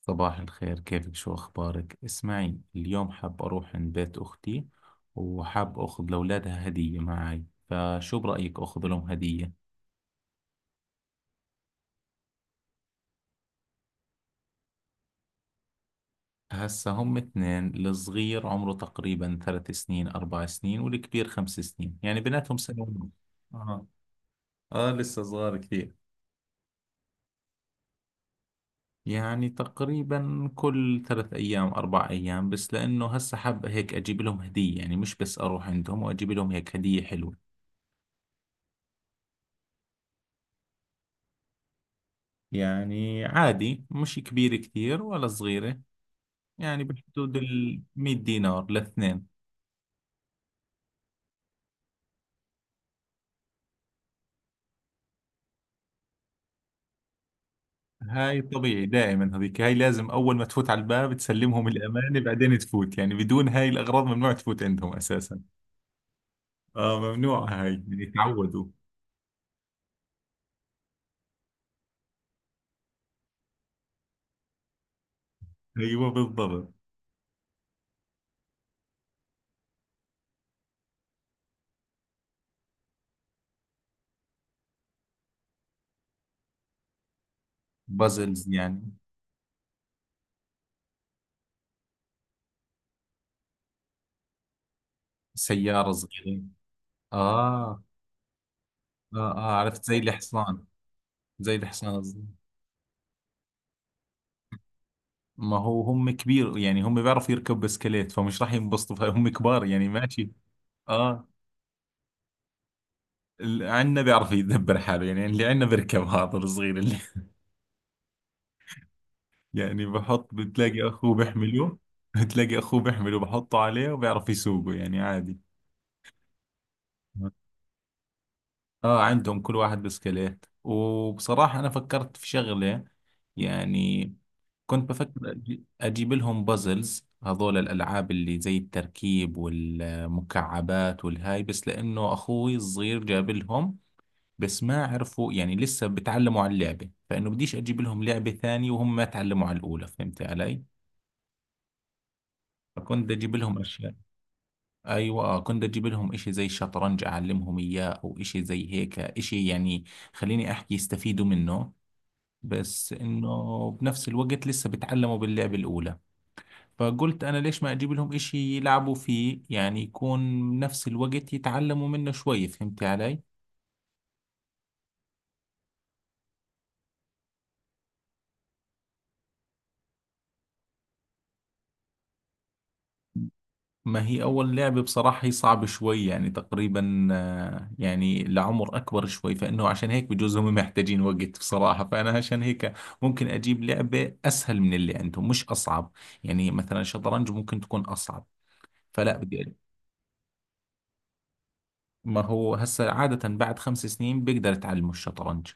صباح الخير كيفك شو أخبارك؟ اسمعي اليوم حاب أروح عند بيت أختي وحاب أخذ لأولادها هدية معي فشو برأيك أخذ لهم هدية؟ هسا هم اثنين الصغير عمره تقريبا ثلاث سنين أربع سنين والكبير خمس سنين يعني بيناتهم سنة ونص. آه آه لسه صغار كثير. يعني تقريبا كل ثلاث أيام أربع أيام بس لأنه هسا حاب هيك أجيب لهم هدية يعني مش بس أروح عندهم وأجيب لهم هيك هدية حلوة. يعني عادي مش كبيرة كثير ولا صغيرة، يعني بحدود ال 100 دينار لاثنين. هاي طبيعي دائما هذيك هاي لازم أول ما تفوت على الباب تسلمهم الأمانة بعدين تفوت، يعني بدون هاي الأغراض ممنوع تفوت عندهم أساسا. آه ممنوع هاي يعني تعودوا. أيوة بالضبط. بازلز يعني سيارة صغيرة. آه آه آه عرفت زي الحصان، زي الحصان الصغير. ما هو هم كبير، يعني هم بيعرفوا يركبوا بسكليت فمش راح ينبسطوا هم كبار يعني ماشي. اه اللي عندنا بيعرف يدبر حاله، يعني اللي عندنا بيركب هذا الصغير اللي يعني بحط بتلاقي اخوه بيحمله، بتلاقي اخوه بيحمله بحطه عليه وبيعرف يسوقه يعني عادي. اه عندهم كل واحد بسكليت وبصراحة انا فكرت في شغلة، يعني كنت بفكر اجيب لهم بازلز هذول الالعاب اللي زي التركيب والمكعبات والهاي بس لانه اخوي الصغير جاب لهم. بس ما عرفوا، يعني لسه بتعلموا على اللعبة فإنه بديش أجيب لهم لعبة ثانية وهم ما تعلموا على الأولى فهمت علي؟ فكنت أجيب لهم أشياء. أيوة، كنت أجيب لهم إشي زي الشطرنج أعلمهم إياه أو إشي زي هيك إشي يعني خليني أحكي يستفيدوا منه بس إنه بنفس الوقت لسه بتعلموا باللعبة الأولى. فقلت أنا ليش ما أجيب لهم إشي يلعبوا فيه يعني يكون بنفس الوقت يتعلموا منه شوي فهمت علي؟ ما هي أول لعبة بصراحة هي صعبة شوي، يعني تقريبا يعني لعمر أكبر شوي فإنه عشان هيك بجوز هم محتاجين وقت بصراحة، فأنا عشان هيك ممكن أجيب لعبة أسهل من اللي عندهم مش أصعب. يعني مثلا شطرنج ممكن تكون أصعب فلا بدي ما هو هسا عادة بعد خمس سنين بيقدر يتعلموا الشطرنج،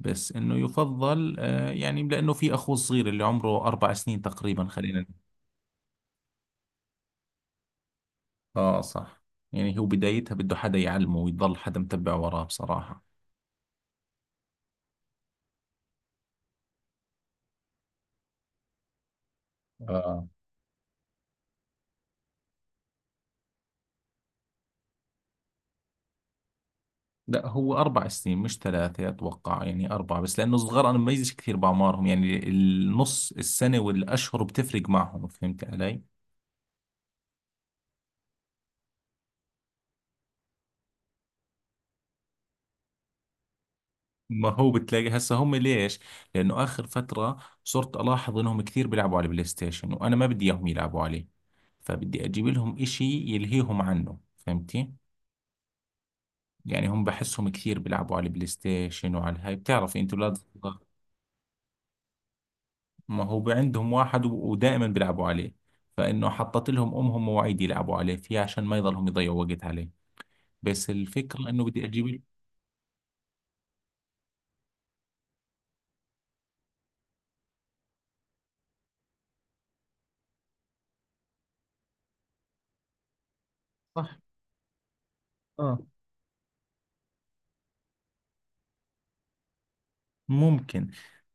بس إنه يفضل يعني لأنه في أخوه الصغير اللي عمره أربع سنين تقريبا خلينا. آه صح، يعني هو بدايتها بده حدا يعلمه ويضل حدا متبع وراه بصراحة. آه لا هو أربع سنين مش ثلاثة أتوقع، يعني أربعة، بس لأنه الصغار أنا بميزش كثير بأعمارهم يعني النص السنة والأشهر بتفرق معهم فهمت علي؟ ما هو بتلاقي هسه هم ليش؟ لأنه آخر فترة صرت ألاحظ إنهم كثير بيلعبوا على البلاي ستيشن وأنا ما بدي إياهم يلعبوا عليه فبدي أجيب لهم إشي يلهيهم عنه فهمتي؟ يعني هم بحسهم كثير بيلعبوا على البلاي ستيشن وعلى هاي بتعرفي أنت أولاد الصغار. ما هو عندهم واحد و- ودائما بيلعبوا عليه، فإنه حطت لهم أمهم مواعيد يلعبوا عليه فيها عشان ما يضلهم يضيعوا وقت عليه بس الفكرة إنه بدي أجيب. صح. اه ممكن.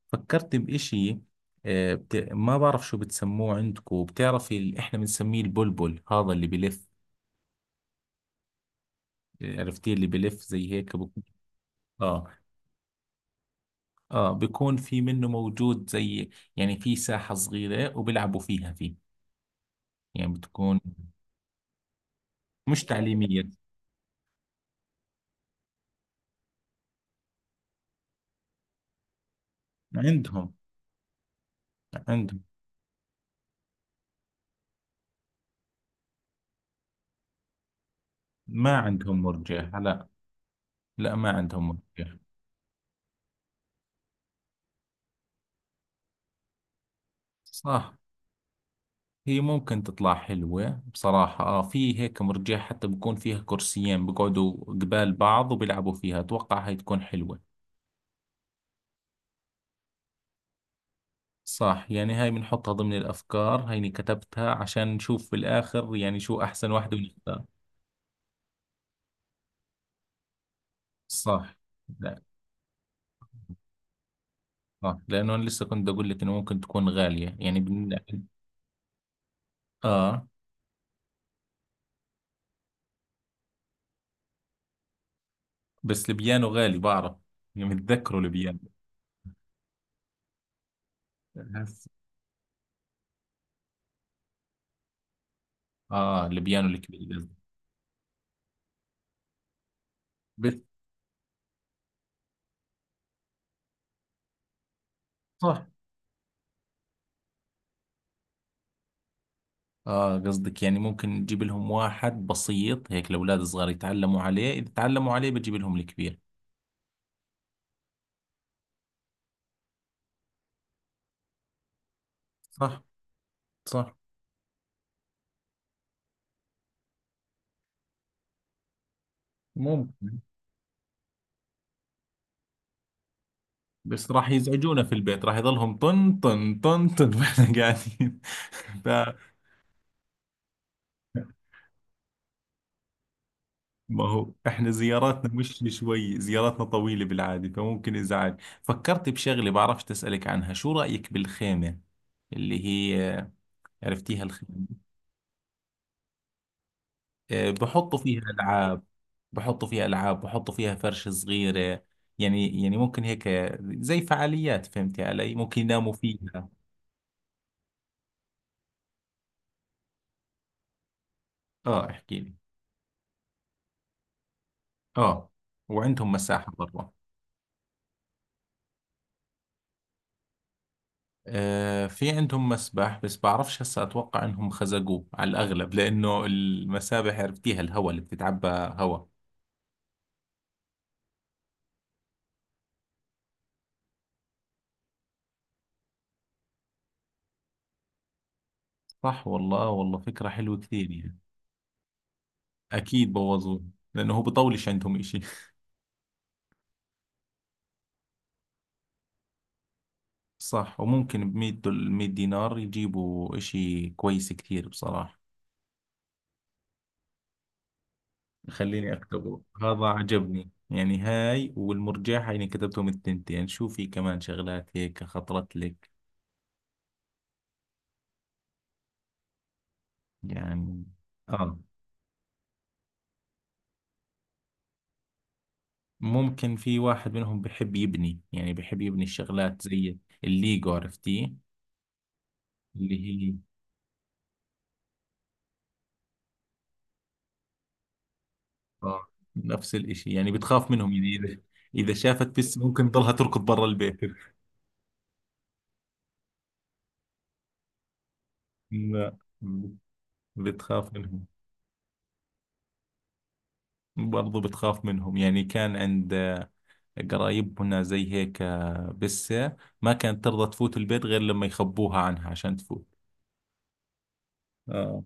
فكرت بإشي، ما بعرف شو بتسموه عندكم بتعرفي احنا بنسميه البلبل هذا اللي بلف. آه، عرفتيه اللي بلف زي هيك بكون. اه اه بيكون في منه موجود زي، يعني في ساحة صغيرة وبيلعبوا فيها فيه، يعني بتكون مش تعليمية. عندهم عندهم ما عندهم مرجئة لا. لا ما عندهم مرجئة. صح هي ممكن تطلع حلوة بصراحة، في هيك مرجئة حتى بكون فيها كرسيين بقعدوا قبال بعض وبيلعبوا فيها أتوقع هاي تكون حلوة. صح يعني هاي بنحطها ضمن الأفكار هيني كتبتها عشان نشوف بالآخر يعني شو أحسن واحدة ونختار. صح. لا صح لأنه أنا لسه كنت أقول لك إنه ممكن تكون غالية يعني آه بس البيانو غالي بعرف، يعني متذكره البيانو. هس- آه البيانو الكبير قصدي. بس صح اه قصدك يعني ممكن تجيب لهم واحد بسيط هيك الاولاد الصغار يتعلموا عليه اذا تعلموا عليه بتجيب لهم الكبير. صح. صح ممكن. بس راح يزعجونا في البيت راح يضلهم طن طن طن طن واحنا قاعدين فما هو احنا زياراتنا مش شوي زياراتنا طويلة بالعادة فممكن ازعاج. فكرت بشغلة بعرفش تسألك عنها، شو رأيك بالخيمة اللي هي عرفتيها؟ بحطوا فيها ألعاب، بحطوا فيها ألعاب، بحطوا فيها فرشة صغيرة، يعني ممكن هيك زي فعاليات فهمتي علي ممكن يناموا فيها. اه احكي لي. اه وعندهم مساحة برا. آه في عندهم مسبح بس بعرفش هسا اتوقع انهم خزقوه على الاغلب لانه المسابح عرفتيها الهواء اللي بتتعبى هواء. صح والله، والله فكرة حلوة كثير يعني. اكيد بوظوه لانه هو بطولش عندهم إشي. صح وممكن بمية دول مية دينار يجيبوا إشي كويس كثير بصراحة. خليني أكتبه هذا عجبني، يعني هاي والمرجحة يعني كتبتهم التنتين، شو في كمان شغلات هيك خطرت لك؟ يعني آه ممكن في واحد منهم بحب يبني، يعني بحب يبني الشغلات زي الليجو عرفتيه. اللي هي آه نفس الإشي يعني بتخاف منهم يعني إذا إذا شافت بس ممكن تضلها تركض برا البيت. لا بتخاف منهم. برضو بتخاف منهم، يعني كان عند قرايبنا زي هيك بسة ما كانت ترضى تفوت البيت غير لما يخبوها عنها عشان تفوت. اه.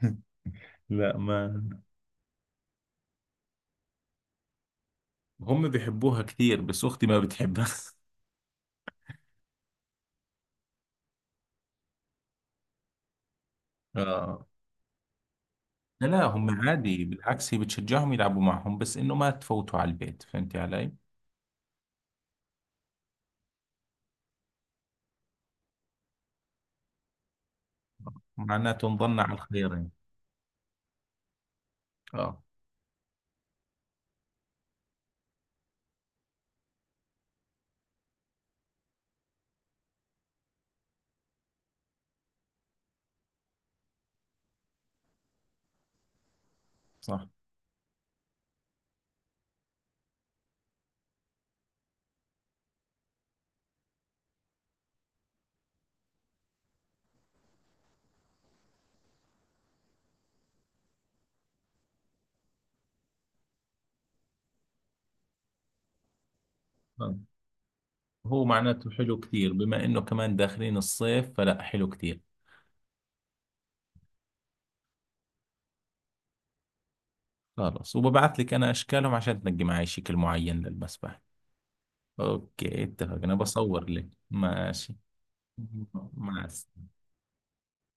لا ما. هم بيحبوها كثير بس أختي ما بتحبها. اه. لا لا، هم عادي بالعكس هي بتشجعهم يلعبوا معهم بس إنه ما تفوتوا على البيت فهمتي علي. معناته نضلنا على الخير يعني. اه صح. آه. هو معناته حلو كثير بما إنه كمان داخلين الصيف فلا حلو كثير. خلاص وببعت لك انا اشكالهم عشان تنجي معي شكل معين للمسبح. اوكي اتفقنا بصور لك ماشي. مع السلامة.